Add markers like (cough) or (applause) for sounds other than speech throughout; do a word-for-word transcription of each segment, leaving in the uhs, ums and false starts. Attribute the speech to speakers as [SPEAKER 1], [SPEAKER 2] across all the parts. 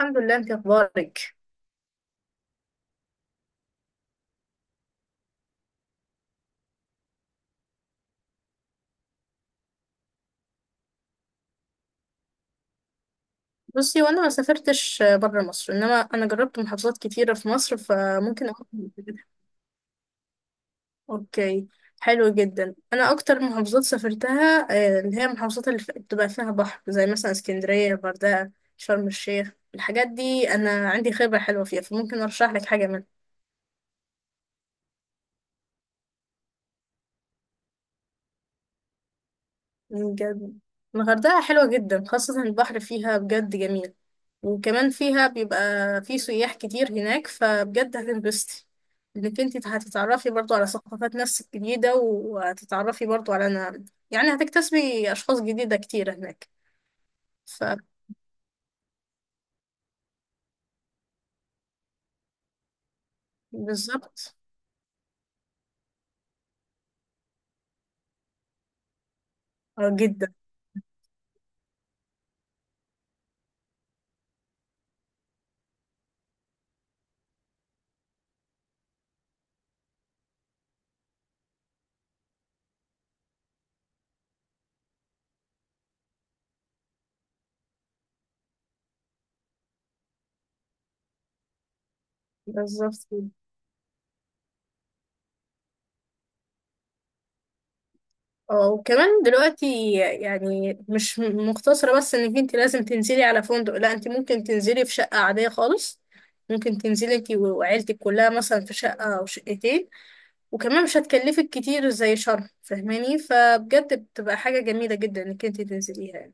[SPEAKER 1] الحمد لله، انت اخبارك؟ بصي، وانا ما سافرتش بره مصر، انما انا جربت محافظات كتيره في مصر، فممكن اقول لك. اوكي، حلو جدا. انا اكتر محافظات سافرتها آه، اللي هي المحافظات اللي في- بتبقى فيها بحر، زي مثلا اسكندريه، الغردقه، شرم الشيخ. الحاجات دي انا عندي خبره حلوه فيها، فممكن ارشح لك حاجه. بجد الغردقة حلوة جدا، خاصة البحر فيها بجد جميل. وكمان فيها بيبقى في سياح كتير هناك، فبجد هتنبسطي، انك انت هتتعرفي برضو على ثقافات ناس جديدة، وهتتعرفي برضو على أنا يعني هتكتسبي أشخاص جديدة كتير هناك. فبالظبط، اه جدا. بالظبط. اه وكمان دلوقتي يعني مش مقتصرة بس انك انت لازم تنزلي على فندق، لا، انت ممكن تنزلي في شقة عادية خالص. ممكن تنزلي انت وعيلتك كلها مثلا في شقة او شقتين، وكمان مش هتكلفك كتير زي شرم، فاهماني؟ فبجد بتبقى حاجة جميلة جدا انك انت تنزليها يعني.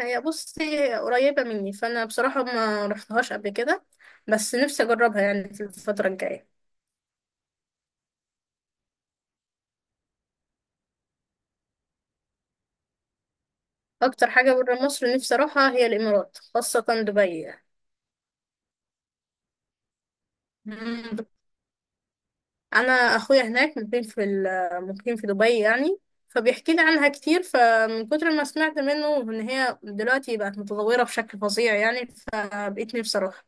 [SPEAKER 1] هي بصي قريبة مني، فانا بصراحة ما رحتهاش قبل كده، بس نفسي اجربها يعني في الفترة الجاية. اكتر حاجة برا مصر نفسي اروحها هي الامارات، خاصة دبي. يعني. انا اخويا هناك مقيم في ال- مقيم في دبي يعني، فبيحكي لي عنها كتير، فمن كتر ما سمعت منه ان هي دلوقتي بقت متطوره بشكل فظيع يعني، فبقيت نفسي اروح.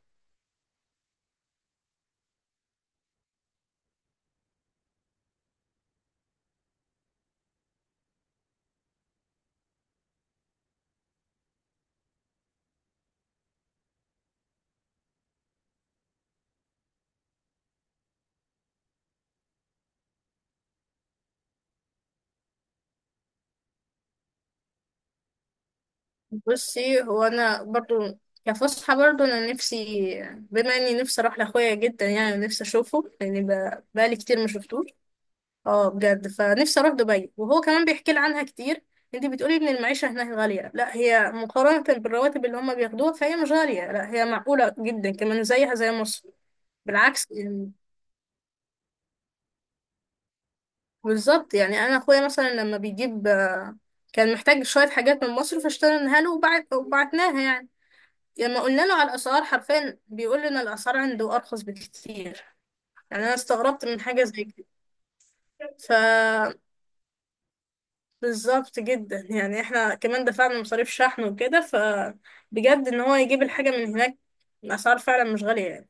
[SPEAKER 1] بصي، هو انا برضو كفسحه برضو انا نفسي، بما اني نفسي اروح لاخويا جدا، يعني نفسي اشوفه، لاني ب- بقالي كتير ما شفتوش. اه بجد، فنفسي اروح دبي، وهو كمان بيحكي لي عنها كتير. انت بتقولي ان المعيشه هناك غاليه؟ لا، هي مقارنه بالرواتب اللي هم بياخدوها فهي مش غاليه، لا هي معقوله جدا، كمان زيها زي مصر، بالعكس يعني. بالظبط يعني، انا اخويا مثلا لما بيجيب آه، كان محتاج شويه حاجات من مصر، فاشتريناها له وبعت وبعتناها يعني، لما قلنا له على الاسعار، حرفيا بيقول لنا الاسعار عنده ارخص بكتير. يعني انا استغربت من حاجه زي كده. بالظبط جدا يعني، احنا كمان دفعنا مصاريف شحن وكده، فبجد ان هو يجيب الحاجة من هناك، الأسعار فعلا مش غالية يعني.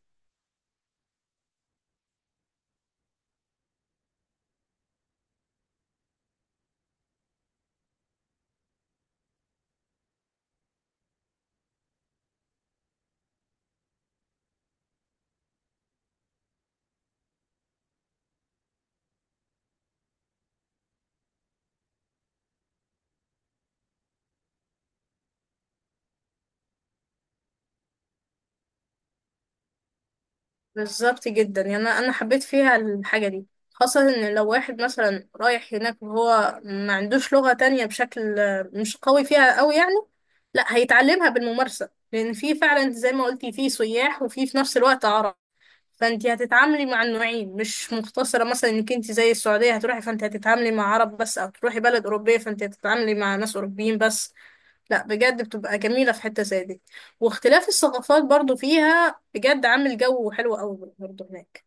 [SPEAKER 1] بالظبط جدا يعني، أنا أنا حبيت فيها الحاجة دي، خاصة إن لو واحد مثلا رايح هناك وهو ما عندوش لغة تانية بشكل آه، مش قوي فيها أوي يعني، لا هيتعلمها بالممارسة، لأن في فعلا زي ما قلتي في سياح، وفي في نفس الوقت عرب، فانت هتتعاملي مع النوعين، مش مقتصرة مثلا انك انت زي السعودية هتروحي فانت هتتعاملي مع عرب بس، او تروحي بلد اوروبية فانت هتتعاملي مع ناس اوروبيين بس. لا بجد بتبقى جميلة في حتة زي دي، واختلاف الثقافات برضو فيها بجد عامل جو حلو قوي برضو هناك.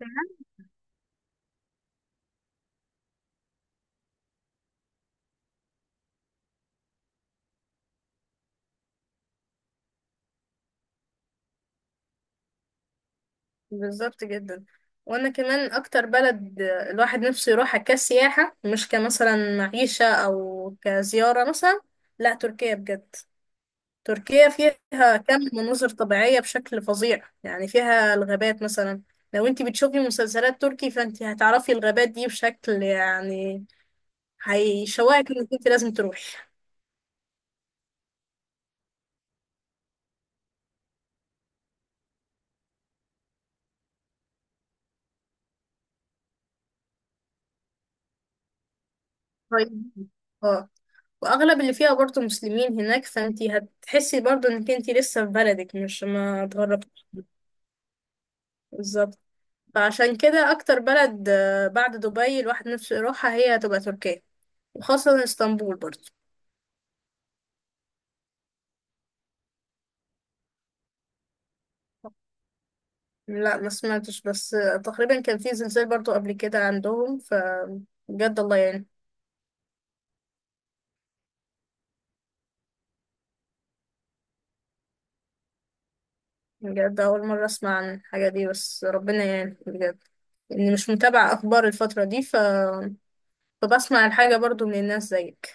[SPEAKER 1] تمام. بالظبط جدا. وانا كمان اكتر بلد الواحد نفسه يروحها كسياحة، مش كمثلا معيشة او كزيارة مثلا، لا تركيا بجد. تركيا فيها كم مناظر طبيعية بشكل فظيع يعني، فيها الغابات مثلا، لو انت بتشوفي مسلسلات تركي فانت هتعرفي الغابات دي بشكل يعني هيشوقك انك انت لازم تروحي. طيب اه، واغلب اللي فيها برضه مسلمين هناك، فانت هتحسي برضه انك انت لسه في بلدك، مش ما اتغربتيش. بالظبط. فعشان كده اكتر بلد آه، بعد دبي الواحد نفسه يروحها هي هتبقى تركيا، وخاصة اسطنبول برضه. لا ما سمعتش، بس تقريبا كان في زلزال برضو قبل كده عندهم، فبجد الله يعني. بجد أول مرة أسمع عن الحاجة دي، بس ربنا يعني بجد، إني مش متابعة أخبار الفترة دي ف... فبسمع الحاجة برضو من الناس زيك.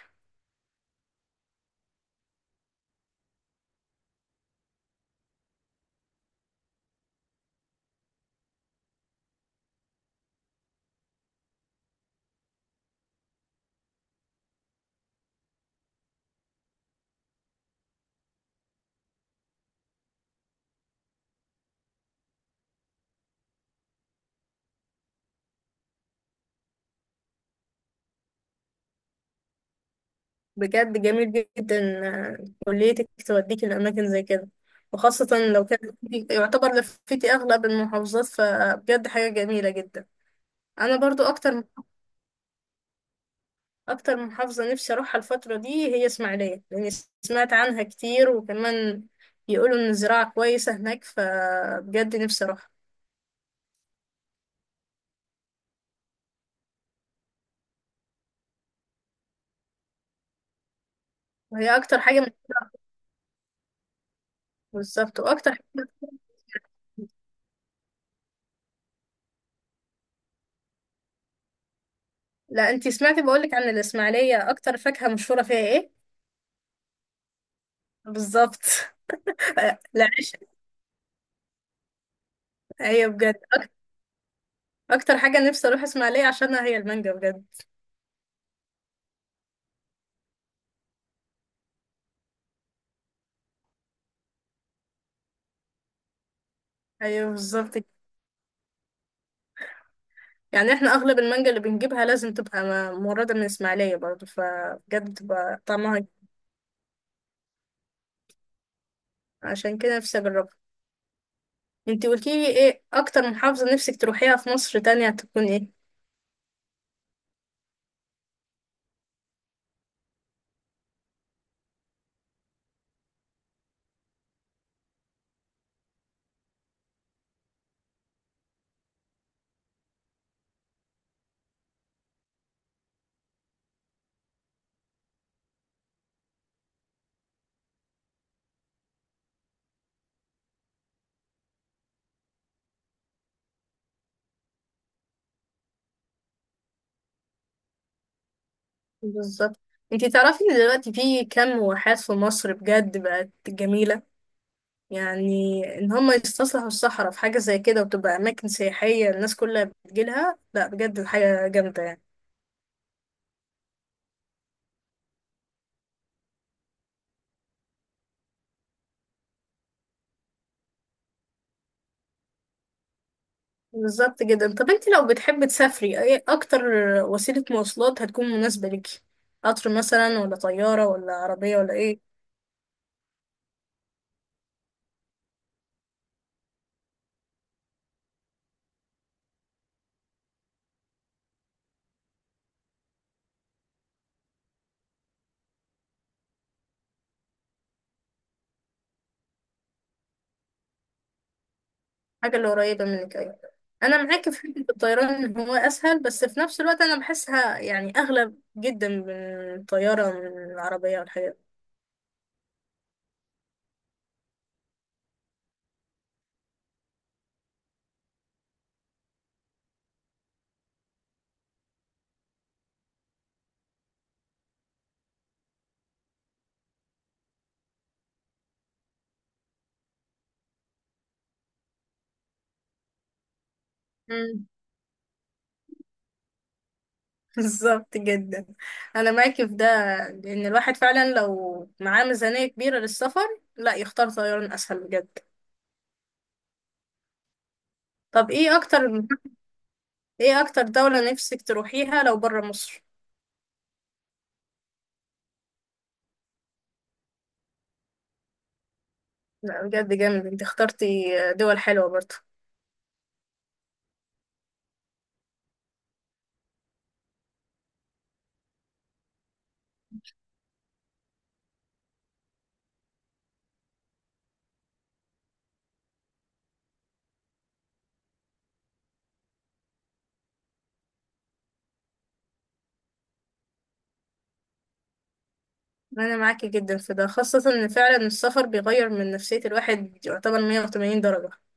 [SPEAKER 1] بجد جميل جدا كليتك توديك لأماكن زي كده، وخاصة لو كان يعتبر لفتي أغلب المحافظات، فبجد حاجة جميلة جدا. أنا برضو أكتر، اكتر من محافظة نفسي اروحها الفترة دي هي اسماعيلية، لاني سمعت عنها كتير، وكمان يقولوا ان الزراعة كويسة هناك، فبجد نفسي اروحها. وهي اكتر حاجة من... بالظبط واكتر حاجة... لا انتي سمعتي بقولك عن الاسماعيلية، اكتر فاكهة مشهورة فيها ايه؟ بالظبط. (laughs) العيش. ايوه بجد أك- اكتر حاجة نفسي اروح اسماعيلية عشانها هي المانجا بجد. ايوه بالظبط كده. يعني احنا اغلب المانجا اللي بنجيبها لازم تبقى م- مورده من اسماعيليه برضه، فبجد بتبقى طعمها. عشان كده نفسي اجربها. انتي قلتيلي ايه اكتر محافظة نفسك تروحيها في مصر تانية تكون ايه؟ بالظبط. انتي تعرفي ان دلوقتي في كام واحات في مصر بجد بقت جميلة، يعني ان هم يستصلحوا الصحراء في حاجة زي كده وتبقى اماكن سياحية، الناس كلها بتجيلها، لا بجد حاجة جامدة يعني. بالظبط جدا. طب انتي لو بتحبي تسافري، ايه اكتر وسيلة مواصلات هتكون مناسبة ليكي؟ قطر مثلا، ولا طيارة، ولا عربية، ولا ايه حاجة اللي قريبة منك؟ أيوة. أنا معاك في حتة الطيران إن هو أسهل، بس في نفس الوقت أنا بحسها يعني أغلى جدا من الطيارة، من العربية والحاجات دي. مم. (laughs) بالظبط جدا، أنا معاك في ده، لأن الواحد فعلا لو معاه ميزانية كبيرة للسفر لا يختار طيران أسهل بجد. طب إيه أكتر إيه أكتر دولة نفسك تروحيها لو برا مصر؟ لا بجد جامد أنت اخترتي، دول حلوة برضه. انا معاكي جدا في ده، خاصة ان فعلا السفر بيغير من نفسية الواحد يعتبر مية وتمانين درجة